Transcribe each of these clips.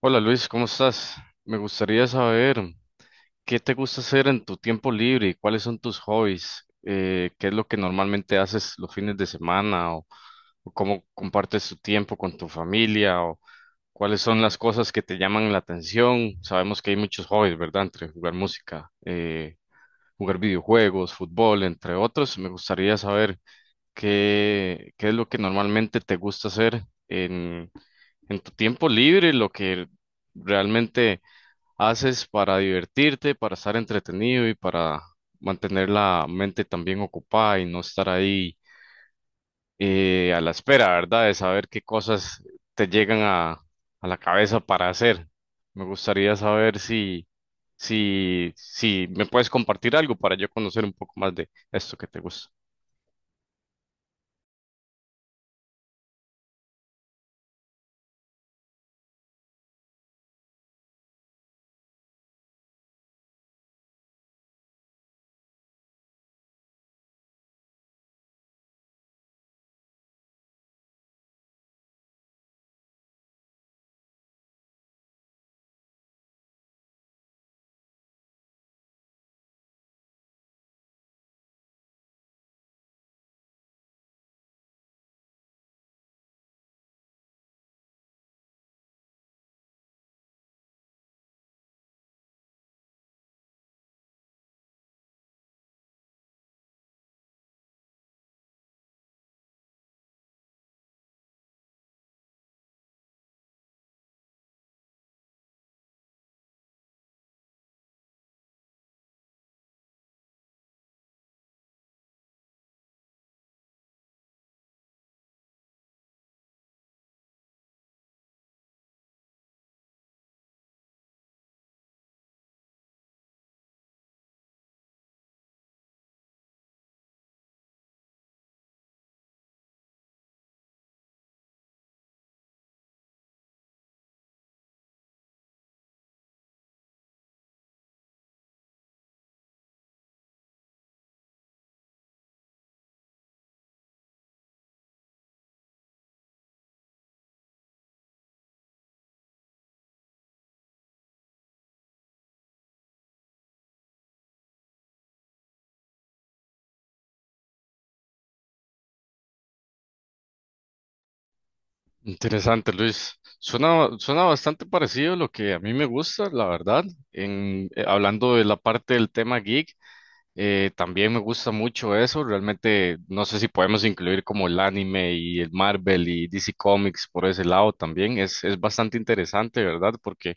Hola Luis, ¿cómo estás? Me gustaría saber qué te gusta hacer en tu tiempo libre y cuáles son tus hobbies. ¿Qué es lo que normalmente haces los fines de semana o cómo compartes tu tiempo con tu familia o cuáles son las cosas que te llaman la atención? Sabemos que hay muchos hobbies, ¿verdad? Entre jugar música, jugar videojuegos, fútbol, entre otros. Me gustaría saber qué es lo que normalmente te gusta hacer en tu tiempo libre, lo que realmente haces para divertirte, para estar entretenido y para mantener la mente también ocupada y no estar ahí a la espera, ¿verdad? De saber qué cosas te llegan a, a la cabeza para hacer. Me gustaría saber si me puedes compartir algo para yo conocer un poco más de esto que te gusta. Interesante, Luis. Suena bastante parecido a lo que a mí me gusta, la verdad. Hablando de la parte del tema geek. También me gusta mucho eso. Realmente no sé si podemos incluir como el anime y el Marvel y DC Comics por ese lado también. Es bastante interesante, ¿verdad? Porque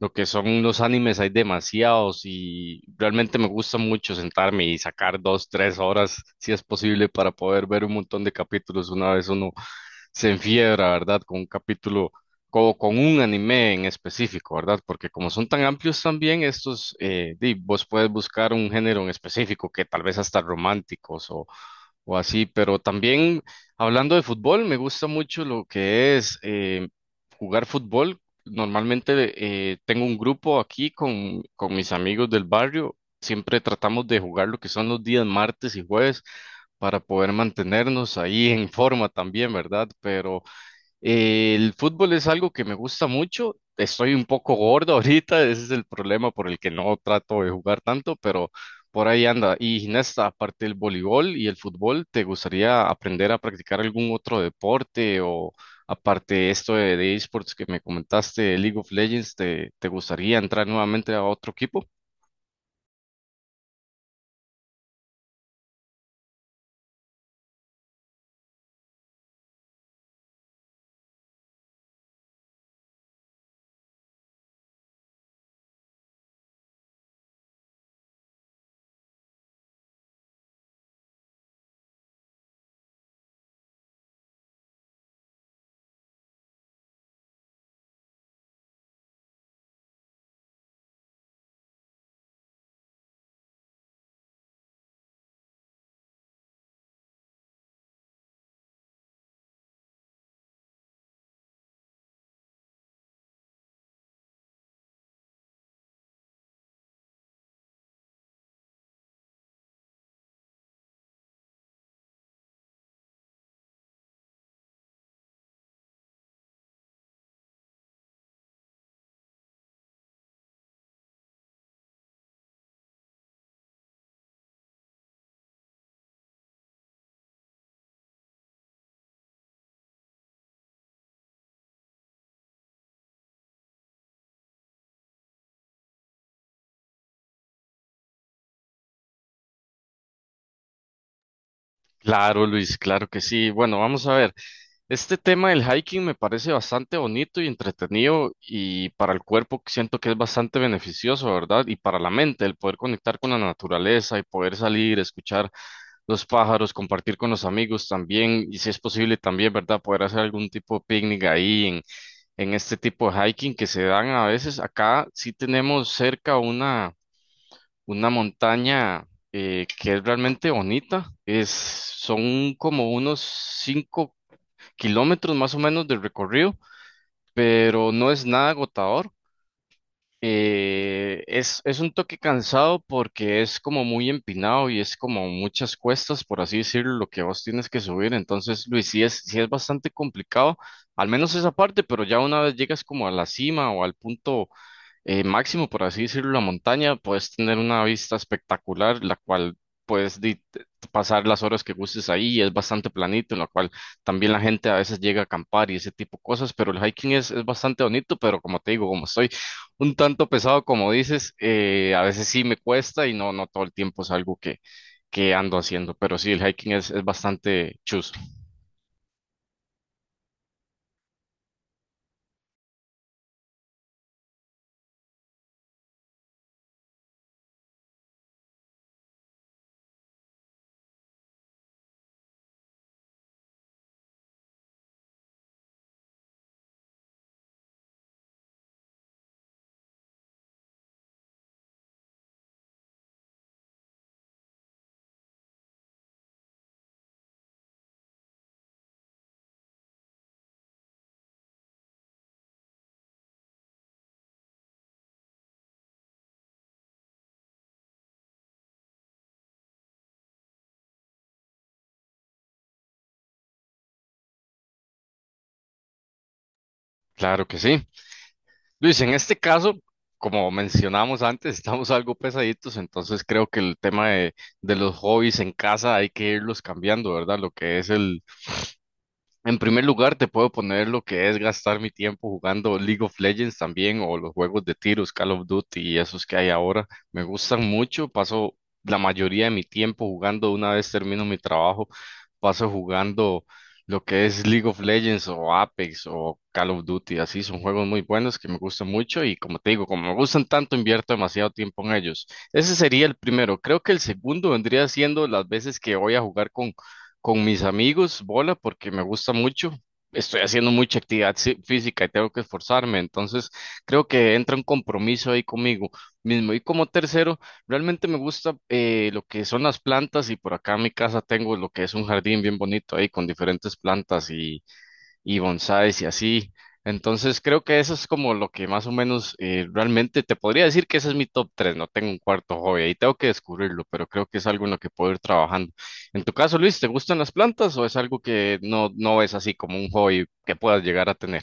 lo que son los animes hay demasiados y realmente me gusta mucho sentarme y sacar dos, tres horas, si es posible, para poder ver un montón de capítulos. Una vez uno se enfiebra, ¿verdad? Con un anime en específico, ¿verdad? Porque como son tan amplios también, estos, di, vos puedes buscar un género en específico que tal vez hasta románticos o así, pero también hablando de fútbol, me gusta mucho lo que es jugar fútbol. Normalmente tengo un grupo aquí con mis amigos del barrio, siempre tratamos de jugar lo que son los días martes y jueves para poder mantenernos ahí en forma también, ¿verdad? Pero... el fútbol es algo que me gusta mucho. Estoy un poco gordo ahorita, ese es el problema por el que no trato de jugar tanto, pero por ahí anda. Y Ginesta, aparte del voleibol y el fútbol, ¿te gustaría aprender a practicar algún otro deporte o aparte de esto de esports que me comentaste, League of Legends, te gustaría entrar nuevamente a otro equipo? Claro, Luis, claro que sí. Bueno, vamos a ver. Este tema del hiking me parece bastante bonito y entretenido y para el cuerpo siento que es bastante beneficioso, ¿verdad? Y para la mente, el poder conectar con la naturaleza y poder salir, escuchar los pájaros, compartir con los amigos también y si es posible también, ¿verdad? Poder hacer algún tipo de picnic en este tipo de hiking que se dan a veces. Acá sí tenemos cerca una montaña que es realmente bonita. Son como unos cinco kilómetros más o menos de recorrido, pero no es nada agotador. Es un toque cansado porque es como muy empinado y es como muchas cuestas, por así decirlo, lo que vos tienes que subir. Entonces, Luis, sí es bastante complicado, al menos esa parte, pero ya una vez llegas como a la cima o al punto máximo, por así decirlo, la montaña, puedes tener una vista espectacular, la cual puedes di- te- pasar las horas que gustes ahí, y es bastante planito, en la cual también la gente a veces llega a acampar y ese tipo de cosas, pero el hiking es bastante bonito, pero como te digo, como estoy un tanto pesado, como dices, a veces sí me cuesta y no, no todo el tiempo es algo que ando haciendo, pero sí, el hiking es bastante chuzo. Claro que sí. Luis, en este caso, como mencionamos antes, estamos algo pesaditos, entonces creo que el tema de los hobbies en casa hay que irlos cambiando, ¿verdad? Lo que es en primer lugar, te puedo poner lo que es gastar mi tiempo jugando League of Legends también o los juegos de tiros, Call of Duty y esos que hay ahora. Me gustan mucho, paso la mayoría de mi tiempo jugando. Una vez termino mi trabajo, paso jugando lo que es League of Legends o Apex o Call of Duty. Así son juegos muy buenos que me gustan mucho y como te digo, como me gustan tanto, invierto demasiado tiempo en ellos. Ese sería el primero. Creo que el segundo vendría siendo las veces que voy a jugar con mis amigos, bola, porque me gusta mucho. Estoy haciendo mucha actividad física y tengo que esforzarme, entonces creo que entra un compromiso ahí conmigo mismo. Y como tercero, realmente me gusta lo que son las plantas y por acá en mi casa tengo lo que es un jardín bien bonito ahí con diferentes plantas y bonsáis y así. Entonces creo que eso es como lo que más o menos realmente te podría decir que ese es mi top tres. No tengo un cuarto hobby, ahí tengo que descubrirlo, pero creo que es algo en lo que puedo ir trabajando. En tu caso, Luis, ¿te gustan las plantas o es algo que no, no es así como un hobby que puedas llegar a tener?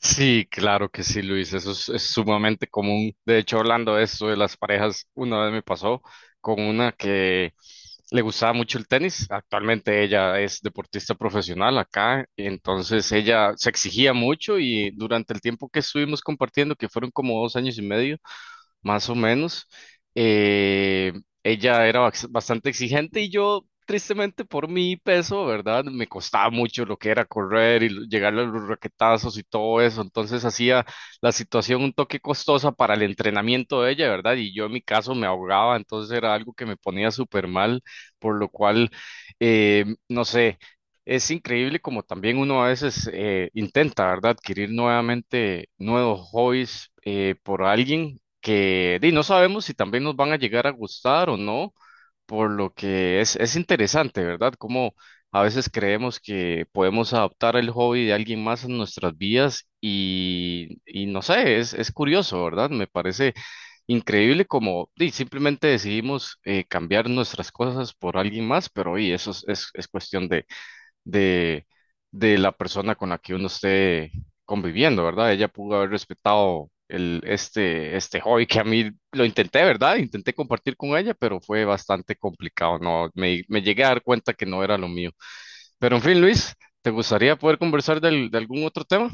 Sí, claro que sí, Luis, es sumamente común. De hecho, hablando de esto de las parejas, una vez me pasó con una que le gustaba mucho el tenis. Actualmente ella es deportista profesional acá, y entonces ella se exigía mucho y durante el tiempo que estuvimos compartiendo, que fueron como dos años y medio, más o menos. Eh, Ella era bastante exigente y yo, tristemente, por mi peso, ¿verdad? Me costaba mucho lo que era correr y llegarle a los raquetazos y todo eso. Entonces hacía la situación un toque costosa para el entrenamiento de ella, ¿verdad? Y yo en mi caso me ahogaba, entonces era algo que me ponía súper mal, por lo cual, no sé. Es increíble como también uno a veces intenta, ¿verdad? Adquirir nuevamente nuevos hobbies por alguien que di, no sabemos si también nos van a llegar a gustar o no, por lo que es interesante, ¿verdad? Como a veces creemos que podemos adaptar el hobby de alguien más a nuestras vidas y no sé, es curioso, ¿verdad? Me parece increíble como di, simplemente decidimos cambiar nuestras cosas por alguien más, pero y eso es cuestión de, de la persona con la que uno esté conviviendo, ¿verdad? Ella pudo haber respetado este hobby que a mí lo intenté, ¿verdad? Intenté compartir con ella, pero fue bastante complicado, ¿no? Me llegué a dar cuenta que no era lo mío. Pero en fin, Luis, ¿te gustaría poder conversar de algún otro tema?